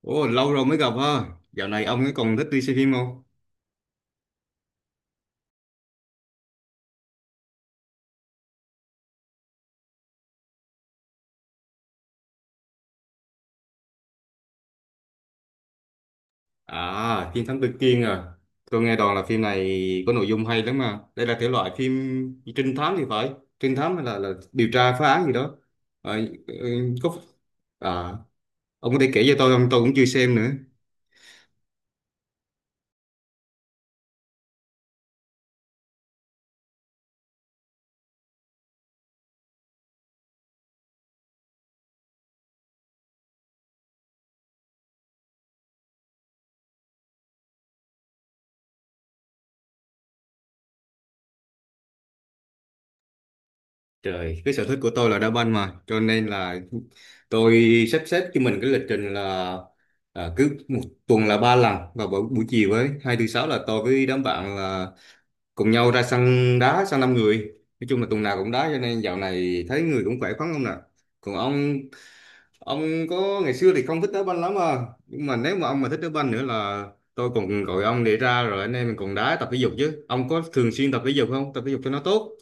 Ồ, lâu rồi mới gặp ha. Dạo này ông ấy còn thích đi xem phim không? À, phim Thám Tử Kiên à. Tôi nghe đồn là phim này có nội dung hay lắm mà. Đây là thể loại phim trinh thám thì phải. Trinh thám hay là điều tra phá án gì đó. À, ừ, có. à, ông có thể kể cho tôi không? Tôi cũng chưa xem nữa. Trời, cái sở thích của tôi là đá banh mà. Cho nên là tôi sắp xếp cho mình cái lịch trình là cứ một tuần là ba lần vào buổi chiều ấy. Hai thứ sáu là tôi với đám bạn là cùng nhau ra sân đá sân năm người, nói chung là tuần nào cũng đá, cho nên dạo này thấy người cũng khỏe khoắn không nè. Còn ông có ngày xưa thì không thích đá banh lắm à? Nhưng mà nếu mà ông mà thích đá banh nữa là tôi còn gọi ông để ra rồi anh em mình còn đá, tập thể dục chứ. Ông có thường xuyên tập thể dục không? Tập thể dục cho nó tốt.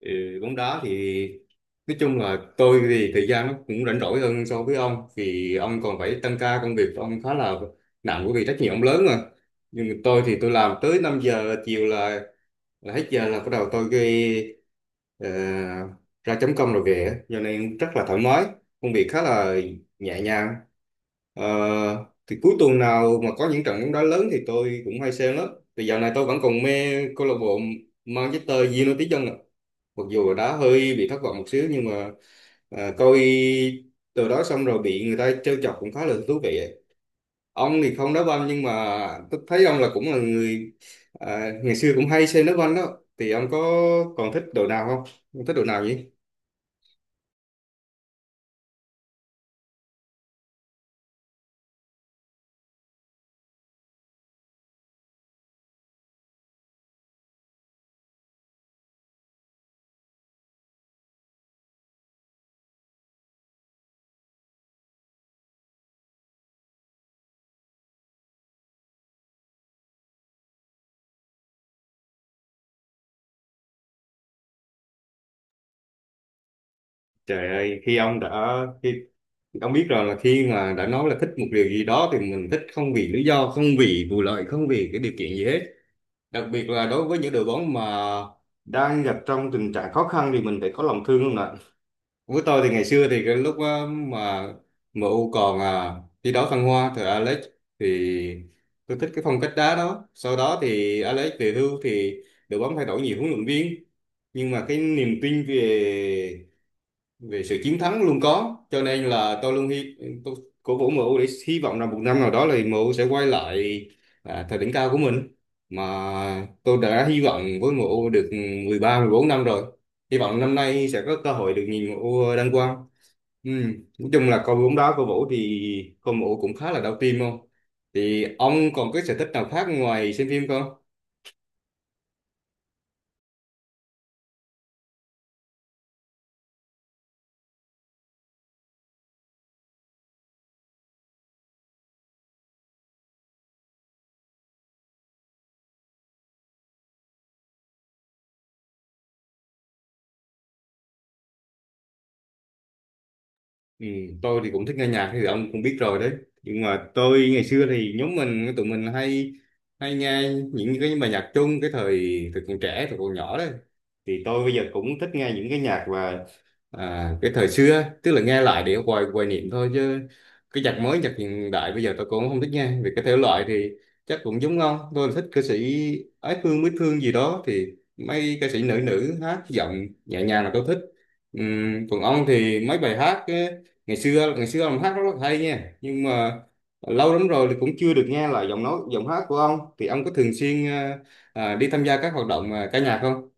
Ừ, bóng đá thì nói chung là tôi thì thời gian nó cũng rảnh rỗi hơn so với ông, vì ông còn phải tăng ca, công việc ông khá là nặng bởi vì trách nhiệm ông lớn mà. Nhưng mà tôi thì tôi làm tới 5 giờ chiều là hết giờ là bắt đầu tôi ghi, ờ, ra chấm công rồi về á. Giờ này rất là thoải mái, công việc khá là nhẹ nhàng. Ờ, thì cuối tuần nào mà có những trận bóng đá lớn thì tôi cũng hay xem lắm. Thì dạo này tôi vẫn còn mê câu lạc bộ Manchester United dân ạ. Mặc dù là đá hơi bị thất vọng một xíu nhưng mà coi từ đó xong rồi bị người ta trêu chọc cũng khá là thú vị. Ông thì không đá banh nhưng mà tôi thấy ông là cũng là người ngày xưa cũng hay xem đá banh đó, thì ông có còn thích đội nào không? Ông thích đội nào vậy? Trời ơi, khi ông đã khi ông biết rồi, là khi mà đã nói là thích một điều gì đó thì mình thích không vì lý do, không vì vụ lợi, không vì cái điều kiện gì hết. Đặc biệt là đối với những đội bóng mà đang gặp trong tình trạng khó khăn thì mình phải có lòng thương không nè. Với tôi thì ngày xưa thì cái lúc á, mà em u còn thi đấu thăng hoa thời Alex thì tôi thích cái phong cách đá đó. Sau đó thì Alex về hưu thì đội bóng thay đổi nhiều huấn luyện viên. Nhưng mà cái niềm tin về về sự chiến thắng luôn có, cho nên là tôi luôn hy tôi cổ vũ MU để hy vọng là một năm nào đó là MU sẽ quay lại thời đỉnh cao của mình. Mà tôi đã hy vọng với MU được 13, 14 năm rồi, hy vọng năm nay sẽ có cơ hội được nhìn MU đăng quang. Ừ. Nói chung là coi bóng đá cổ vũ thì coi MU cũng khá là đau tim không. Thì ông còn cái sở thích nào khác ngoài xem phim không? Ừ, tôi thì cũng thích nghe nhạc thì ông cũng biết rồi đấy. Nhưng mà tôi ngày xưa thì nhóm mình, tụi mình hay hay nghe những cái bài nhạc chung cái thời thời còn trẻ, thời còn nhỏ đấy. Thì tôi bây giờ cũng thích nghe những cái nhạc và cái thời xưa, tức là nghe lại để hoài hoài niệm thôi, chứ cái nhạc mới, nhạc hiện đại bây giờ tôi cũng không thích nghe. Về cái thể loại thì chắc cũng giống ông, tôi thích ca sĩ Ái Phương, Mít Phương gì đó. Thì mấy ca sĩ nữ nữ hát giọng nhẹ nhàng là tôi thích. Còn ông thì mấy bài hát á, ngày xưa ông hát rất là hay nha, nhưng mà lâu lắm rồi thì cũng chưa được nghe lại giọng nói, giọng hát của ông. Thì ông có thường xuyên đi tham gia các hoạt động ca nhạc không?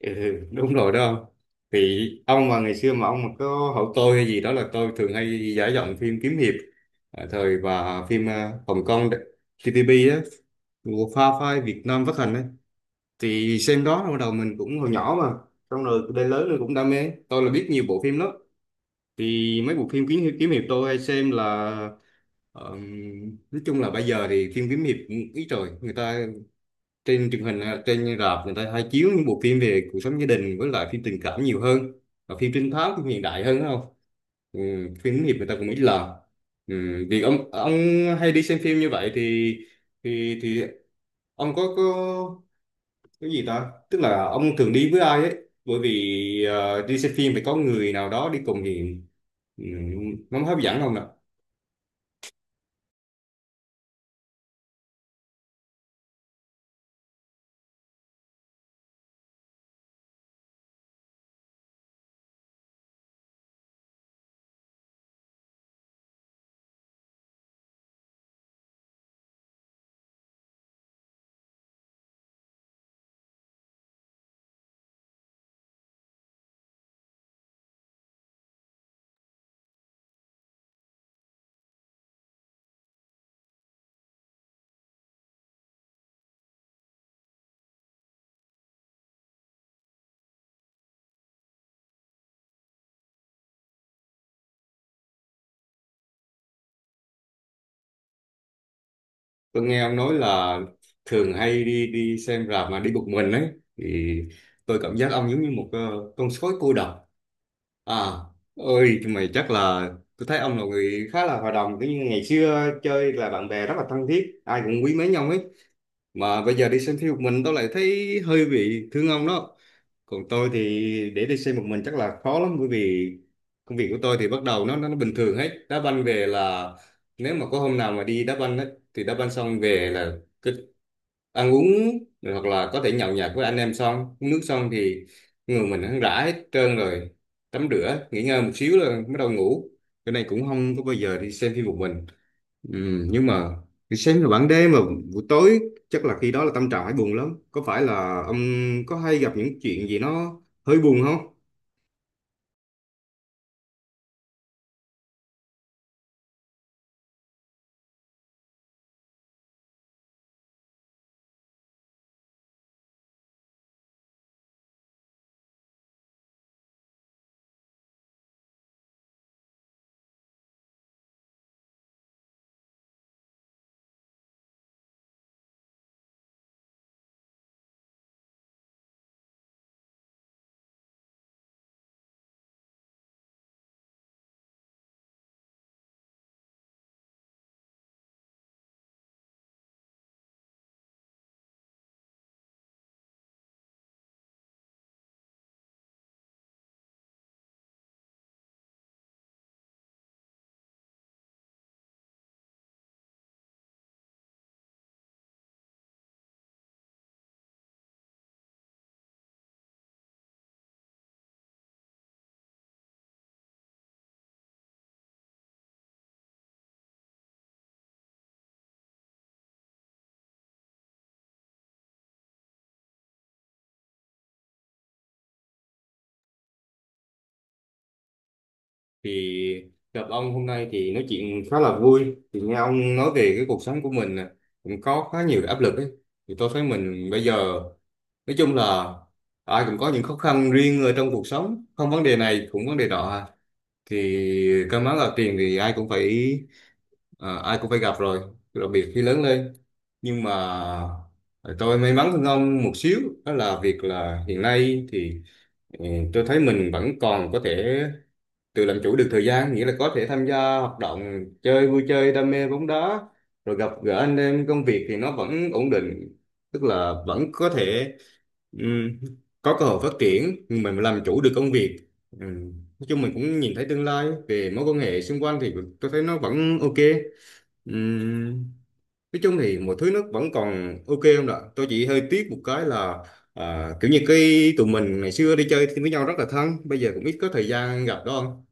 Ừ, đúng rồi đó ông. Thì ông mà ngày xưa mà ông mà có hỏi tôi hay gì đó là tôi thường hay giải giọng phim kiếm hiệp thời và phim Hồng Kông, TPP á, của Pha Phai Việt Nam phát hành ấy. Thì xem đó bắt đầu mình cũng hồi nhỏ mà, xong rồi đến lớn rồi cũng đam mê, tôi là biết nhiều bộ phim lắm. Thì mấy bộ phim kiếm hiệp tôi hay xem là ờm, nói chung là bây giờ thì phim kiếm hiệp cũng ít rồi. Người ta trên truyền hình hay trên rạp người ta hay chiếu những bộ phim về cuộc sống gia đình, với lại phim tình cảm nhiều hơn, và phim trinh thám, phim hiện đại hơn đúng không? Ừ, phim hướng nghiệp người ta cũng ít làm. Ừ, vì ông hay đi xem phim như vậy thì ông có cái gì ta, tức là ông thường đi với ai ấy? Bởi vì đi xem phim phải có người nào đó đi cùng thì, ừ, nó mới hấp dẫn ông. Tôi nghe ông nói là thường hay đi đi xem rạp mà đi một mình ấy, thì tôi cảm giác ông giống như một con sói cô độc. À, ơi mày chắc là tôi thấy ông là người khá là hòa đồng, cứ như ngày xưa chơi là bạn bè rất là thân thiết, ai cũng quý mến nhau ấy. Mà bây giờ đi xem phim một mình tôi lại thấy hơi bị thương ông đó. Còn tôi thì để đi xem một mình chắc là khó lắm, bởi vì công việc của tôi thì bắt đầu nó bình thường hết. Đá banh về là, nếu mà có hôm nào mà đi đá banh ấy, thì đá banh xong về là cái ăn uống rồi, hoặc là có thể nhậu nhẹt với anh em, xong uống nước xong thì người mình hắn rã hết trơn rồi, tắm rửa nghỉ ngơi một xíu là bắt đầu ngủ. Cái này cũng không có bao giờ đi xem phim một mình. Ừ, nhưng mà đi xem vào ban đêm mà buổi tối chắc là khi đó là tâm trạng phải buồn lắm. Có phải là ông có hay gặp những chuyện gì nó hơi buồn không? Thì gặp ông hôm nay thì nói chuyện khá là vui, thì nghe ông nói về cái cuộc sống của mình nè, cũng có khá nhiều áp lực ấy. Thì tôi thấy mình bây giờ nói chung là ai cũng có những khó khăn riêng ở trong cuộc sống, không vấn đề này cũng vấn đề đó à. Thì cơm áo gạo tiền thì ai cũng phải ai cũng phải gặp rồi, đặc biệt khi lớn lên. Nhưng mà tôi may mắn hơn ông một xíu, đó là việc là hiện nay thì, ừ, tôi thấy mình vẫn còn có thể tự làm chủ được thời gian, nghĩa là có thể tham gia hoạt động chơi, vui chơi, đam mê bóng đá, rồi gặp gỡ anh em. Công việc thì nó vẫn ổn định, tức là vẫn có thể, Ừm, có cơ hội phát triển, mình làm chủ được công việc. Ừm, nói chung mình cũng nhìn thấy tương lai. Về mối quan hệ xung quanh thì tôi thấy nó vẫn ok. Ừm, nói chung thì mọi thứ nó vẫn còn ok không ạ. Tôi chỉ hơi tiếc một cái là kiểu như cái tụi mình ngày xưa đi chơi với nhau rất là thân, bây giờ cũng ít có thời gian gặp đó không.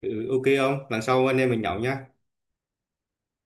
Ừ, ok không, lần sau anh em mình nhậu nha.